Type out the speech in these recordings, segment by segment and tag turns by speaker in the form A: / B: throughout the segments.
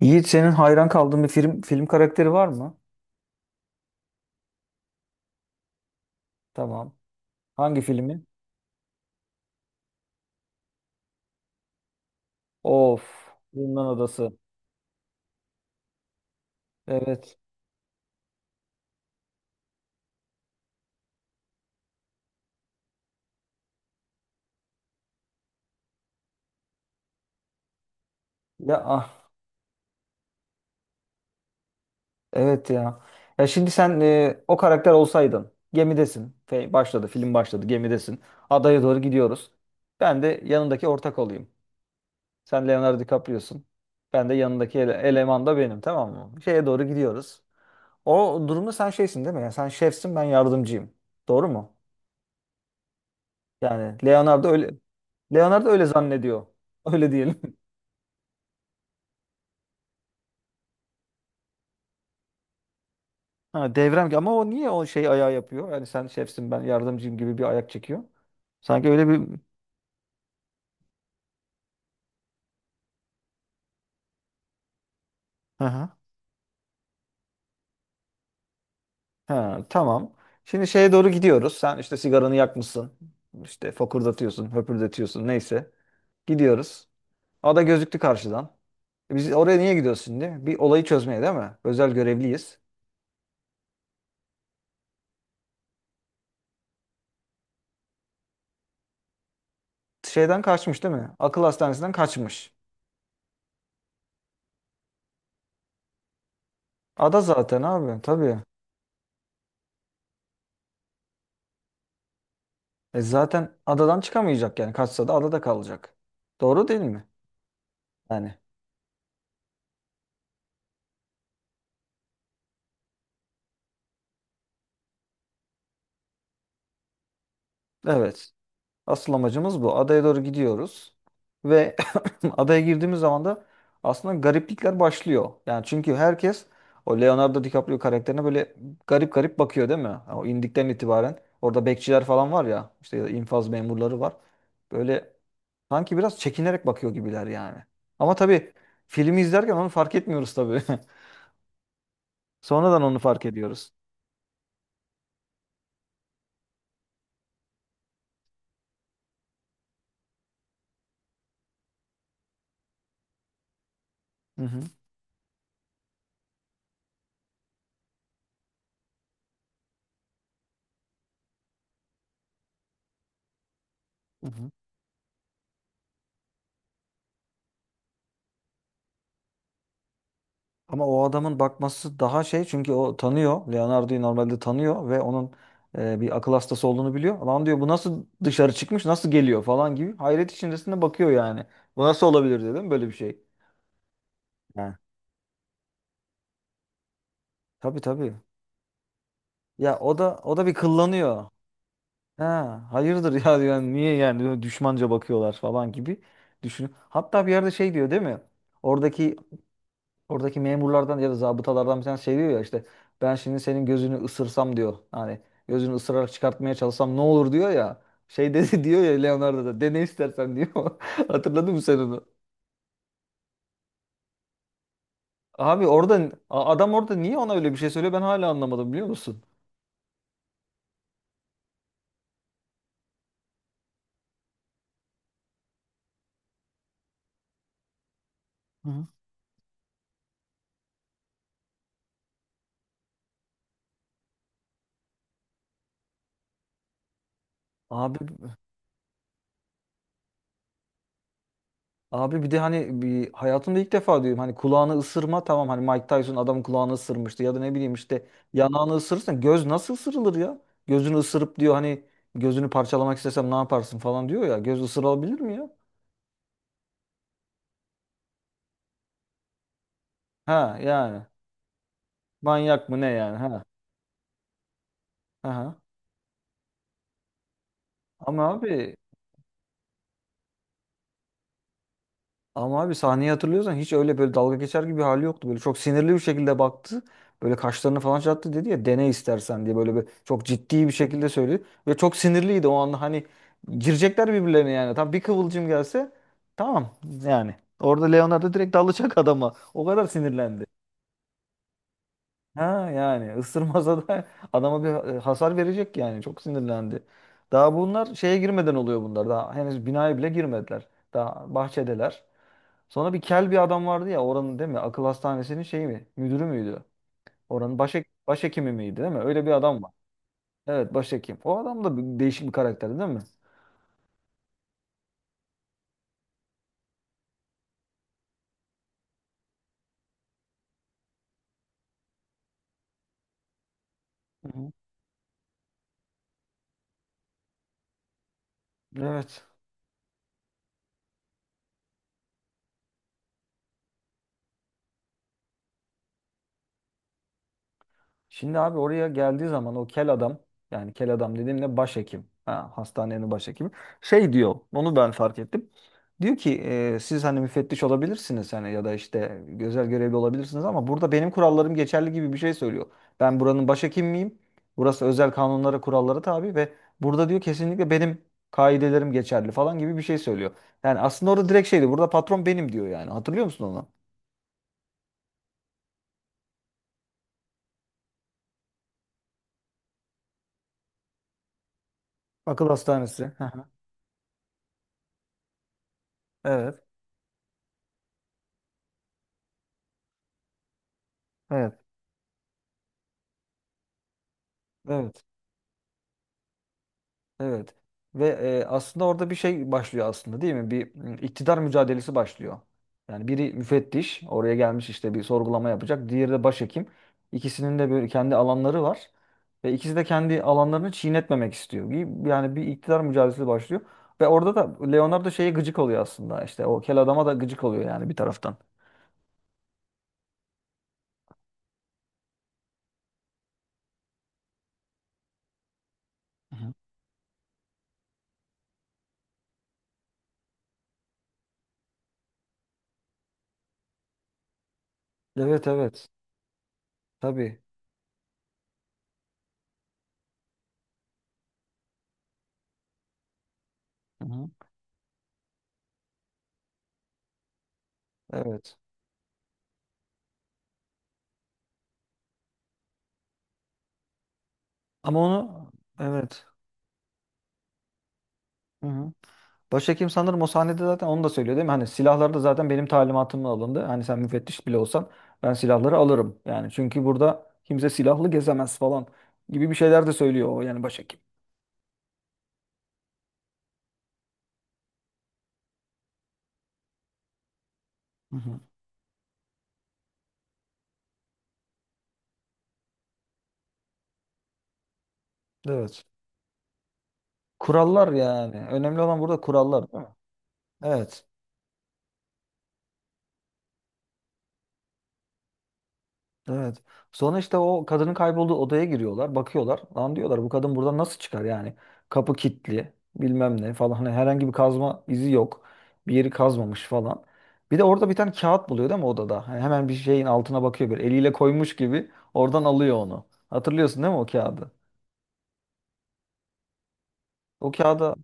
A: Yiğit senin hayran kaldığın bir film karakteri var mı? Tamam. Hangi filmi? Of, Zindan Adası. Evet. Ya ah, evet ya. Ya şimdi sen o karakter olsaydın. Gemidesin. Başladı, film başladı. Gemidesin. Adaya doğru gidiyoruz. Ben de yanındaki ortak olayım. Sen Leonardo DiCaprio'sun. Ben de yanındaki eleman da benim, tamam mı? Şeye doğru gidiyoruz. O durumda sen şeysin değil mi? Yani sen şefsin, ben yardımcıyım. Doğru mu? Leonardo öyle Leonardo öyle zannediyor. Öyle diyelim. Ha, devrem ama o niye o şey ayağı yapıyor? Yani sen şefsin ben yardımcıyım gibi bir ayak çekiyor. Sanki öyle bir hı hı. Ha, tamam. Şimdi şeye doğru gidiyoruz. Sen işte sigaranı yakmışsın. İşte fokurdatıyorsun, höpürdetiyorsun neyse. Gidiyoruz. Ada gözüktü karşıdan. E biz oraya niye gidiyoruz şimdi? Bir olayı çözmeye değil mi? Özel görevliyiz. Şeyden kaçmış değil mi? Akıl hastanesinden kaçmış. Ada zaten abi tabii. E zaten adadan çıkamayacak yani. Kaçsa da adada kalacak. Doğru değil mi? Yani evet. Asıl amacımız bu. Adaya doğru gidiyoruz ve adaya girdiğimiz zaman da aslında gariplikler başlıyor. Yani çünkü herkes o Leonardo DiCaprio karakterine böyle garip garip bakıyor değil mi? Yani o indikten itibaren orada bekçiler falan var ya işte ya da infaz memurları var. Böyle sanki biraz çekinerek bakıyor gibiler yani. Ama tabii filmi izlerken onu fark etmiyoruz tabii. Sonradan onu fark ediyoruz. Hı hı. Hı hı. Ama o adamın bakması daha şey, çünkü o tanıyor. Leonardo'yu normalde tanıyor ve onun bir akıl hastası olduğunu biliyor. Lan diyor bu nasıl dışarı çıkmış, nasıl geliyor falan gibi. Hayret içerisinde bakıyor yani. Bu nasıl olabilir dedim, böyle bir şey. Ha. Tabii tabii. Ya o da o da bir kıllanıyor. Ha, hayırdır ya diyor. Yani niye yani böyle düşmanca bakıyorlar falan gibi düşünüyor. Hatta bir yerde şey diyor değil mi? Oradaki Oradaki memurlardan ya da zabıtalardan bir tanesi şey diyor ya, işte ben şimdi senin gözünü ısırsam diyor. Hani gözünü ısırarak çıkartmaya çalışsam ne olur diyor ya. Şey dedi diyor ya, Leonardo da dene istersen diyor. Hatırladın mı sen onu? Abi orada adam orada niye ona öyle bir şey söylüyor, ben hala anlamadım biliyor musun? Hı hı. Abi Abi bir de hani bir hayatımda ilk defa diyorum, hani kulağını ısırma tamam, hani Mike Tyson adamın kulağını ısırmıştı ya da ne bileyim işte yanağını ısırırsan, göz nasıl ısırılır ya? Gözünü ısırıp diyor hani gözünü parçalamak istesem ne yaparsın falan diyor ya, göz ısırılabilir mi ya? Ha yani manyak mı ne yani, ha. Aha. Ama abi ama abi sahneyi hatırlıyorsan hiç öyle böyle dalga geçer gibi bir hali yoktu. Böyle çok sinirli bir şekilde baktı. Böyle kaşlarını falan çattı, dedi ya dene istersen diye böyle bir çok ciddi bir şekilde söyledi. Ve çok sinirliydi o anda, hani girecekler birbirlerine yani. Tam bir kıvılcım gelse tamam yani. Orada Leonardo direkt dalacak adama. O kadar sinirlendi. Ha yani ısırmasa da adama bir hasar verecek yani. Çok sinirlendi. Daha bunlar şeye girmeden oluyor bunlar. Daha henüz binaya bile girmediler. Daha bahçedeler. Sonra bir kel bir adam vardı ya oranın, değil mi? Akıl hastanesinin şeyi mi? Müdürü müydü? Oranın başhekimi miydi, değil mi? Öyle bir adam var. Evet, başhekim. O adam da değişik bir karakter değil mi? Hı hı. Evet. Şimdi abi oraya geldiği zaman o kel adam, yani kel adam dediğimde başhekim. Ha, hastanenin başhekimi. Şey diyor, onu ben fark ettim. Diyor ki siz hani müfettiş olabilirsiniz, hani ya da işte özel görevli olabilirsiniz ama burada benim kurallarım geçerli gibi bir şey söylüyor. Ben buranın başhekim miyim? Burası özel kanunlara, kurallara tabi ve burada diyor kesinlikle benim kaidelerim geçerli falan gibi bir şey söylüyor. Yani aslında orada direkt şeydi, burada patron benim diyor yani, hatırlıyor musun onu? Akıl hastanesi. Hı hı. Evet. Evet. Evet. Evet. Ve aslında orada bir şey başlıyor aslında değil mi? Bir iktidar mücadelesi başlıyor. Yani biri müfettiş, oraya gelmiş işte bir sorgulama yapacak. Diğeri de başhekim. İkisinin de böyle kendi alanları var ve ikisi de kendi alanlarını çiğnetmemek istiyor. Yani bir iktidar mücadelesi başlıyor ve orada da Leonardo şeye gıcık oluyor aslında. İşte o kel adama da gıcık oluyor yani bir taraftan. Hı hı. Evet evet. Tabii. Hı hı. Evet. Ama onu Evet. Başhekim sanırım o sahnede zaten onu da söylüyor değil mi? Hani silahlar da zaten benim talimatımla alındı. Hani sen müfettiş bile olsan ben silahları alırım. Yani çünkü burada kimse silahlı gezemez falan gibi bir şeyler de söylüyor o, yani başhekim. Hı hı. Evet. Kurallar yani. Önemli olan burada kurallar değil mi? Evet. Evet. Sonra işte o kadının kaybolduğu odaya giriyorlar, bakıyorlar. Lan diyorlar bu kadın buradan nasıl çıkar yani? Kapı kilitli, bilmem ne falan. Hani herhangi bir kazma izi yok. Bir yeri kazmamış falan. Bir de orada bir tane kağıt buluyor değil mi odada? Hani hemen bir şeyin altına bakıyor, böyle eliyle koymuş gibi oradan alıyor onu. Hatırlıyorsun değil mi o kağıdı? O kağıda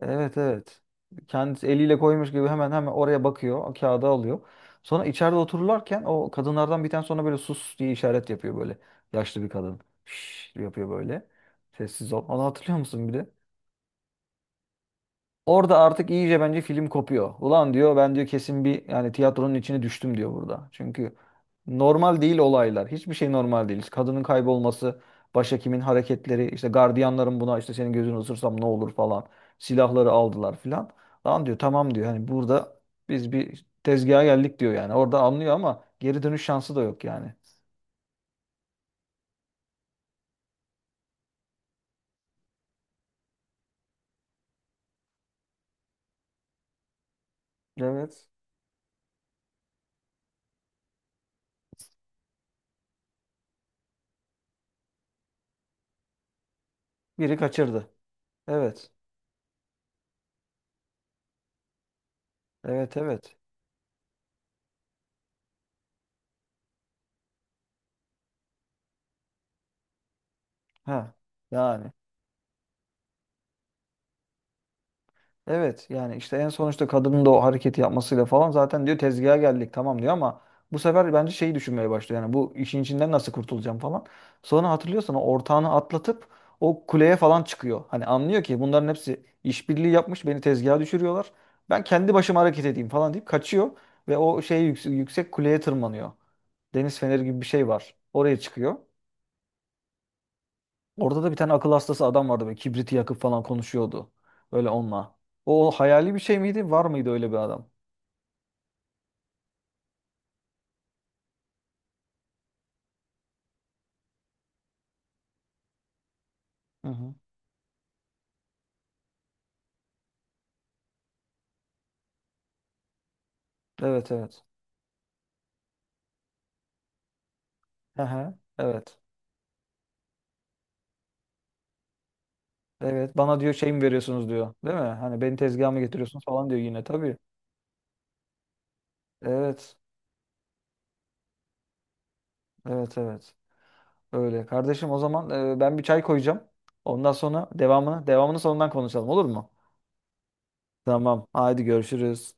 A: Evet evet. Kendisi eliyle koymuş gibi hemen hemen oraya bakıyor. O kağıdı alıyor. Sonra içeride otururlarken o kadınlardan bir tane sonra böyle sus diye işaret yapıyor böyle. Yaşlı bir kadın. Şşş yapıyor böyle. Sessiz ol. Onu hatırlıyor musun bir de? Orada artık iyice bence film kopuyor. Ulan diyor ben diyor kesin bir, yani tiyatronun içine düştüm diyor burada. Çünkü normal değil olaylar. Hiçbir şey normal değil. Kadının kaybolması, başhekimin hareketleri, işte gardiyanların buna işte senin gözünü ısırsam ne olur falan. Silahları aldılar filan. Lan diyor tamam diyor. Hani burada biz bir tezgaha geldik diyor yani. Orada anlıyor ama geri dönüş şansı da yok yani. Evet. Biri kaçırdı. Evet. Evet evet. Ha. Yani evet, yani işte en sonuçta kadının da o hareketi yapmasıyla falan zaten diyor tezgaha geldik tamam diyor ama bu sefer bence şeyi düşünmeye başlıyor. Yani bu işin içinden nasıl kurtulacağım falan. Sonra hatırlıyorsan o ortağını atlatıp o kuleye falan çıkıyor. Hani anlıyor ki bunların hepsi işbirliği yapmış, beni tezgaha düşürüyorlar. Ben kendi başıma hareket edeyim falan deyip kaçıyor ve o şey yüksek, yüksek kuleye tırmanıyor. Deniz feneri gibi bir şey var. Oraya çıkıyor. Orada da bir tane akıl hastası adam vardı, böyle kibriti yakıp falan konuşuyordu böyle onunla. O hayali bir şey miydi? Var mıydı öyle bir adam? Hı hı. Evet evet. Aha, evet. Evet, bana diyor şey mi veriyorsunuz diyor. Değil mi? Hani beni tezgaha mı getiriyorsunuz falan diyor yine tabii. Evet. Evet evet. Öyle. Kardeşim o zaman ben bir çay koyacağım. Ondan sonra devamını sonundan konuşalım, olur mu? Tamam. Haydi görüşürüz.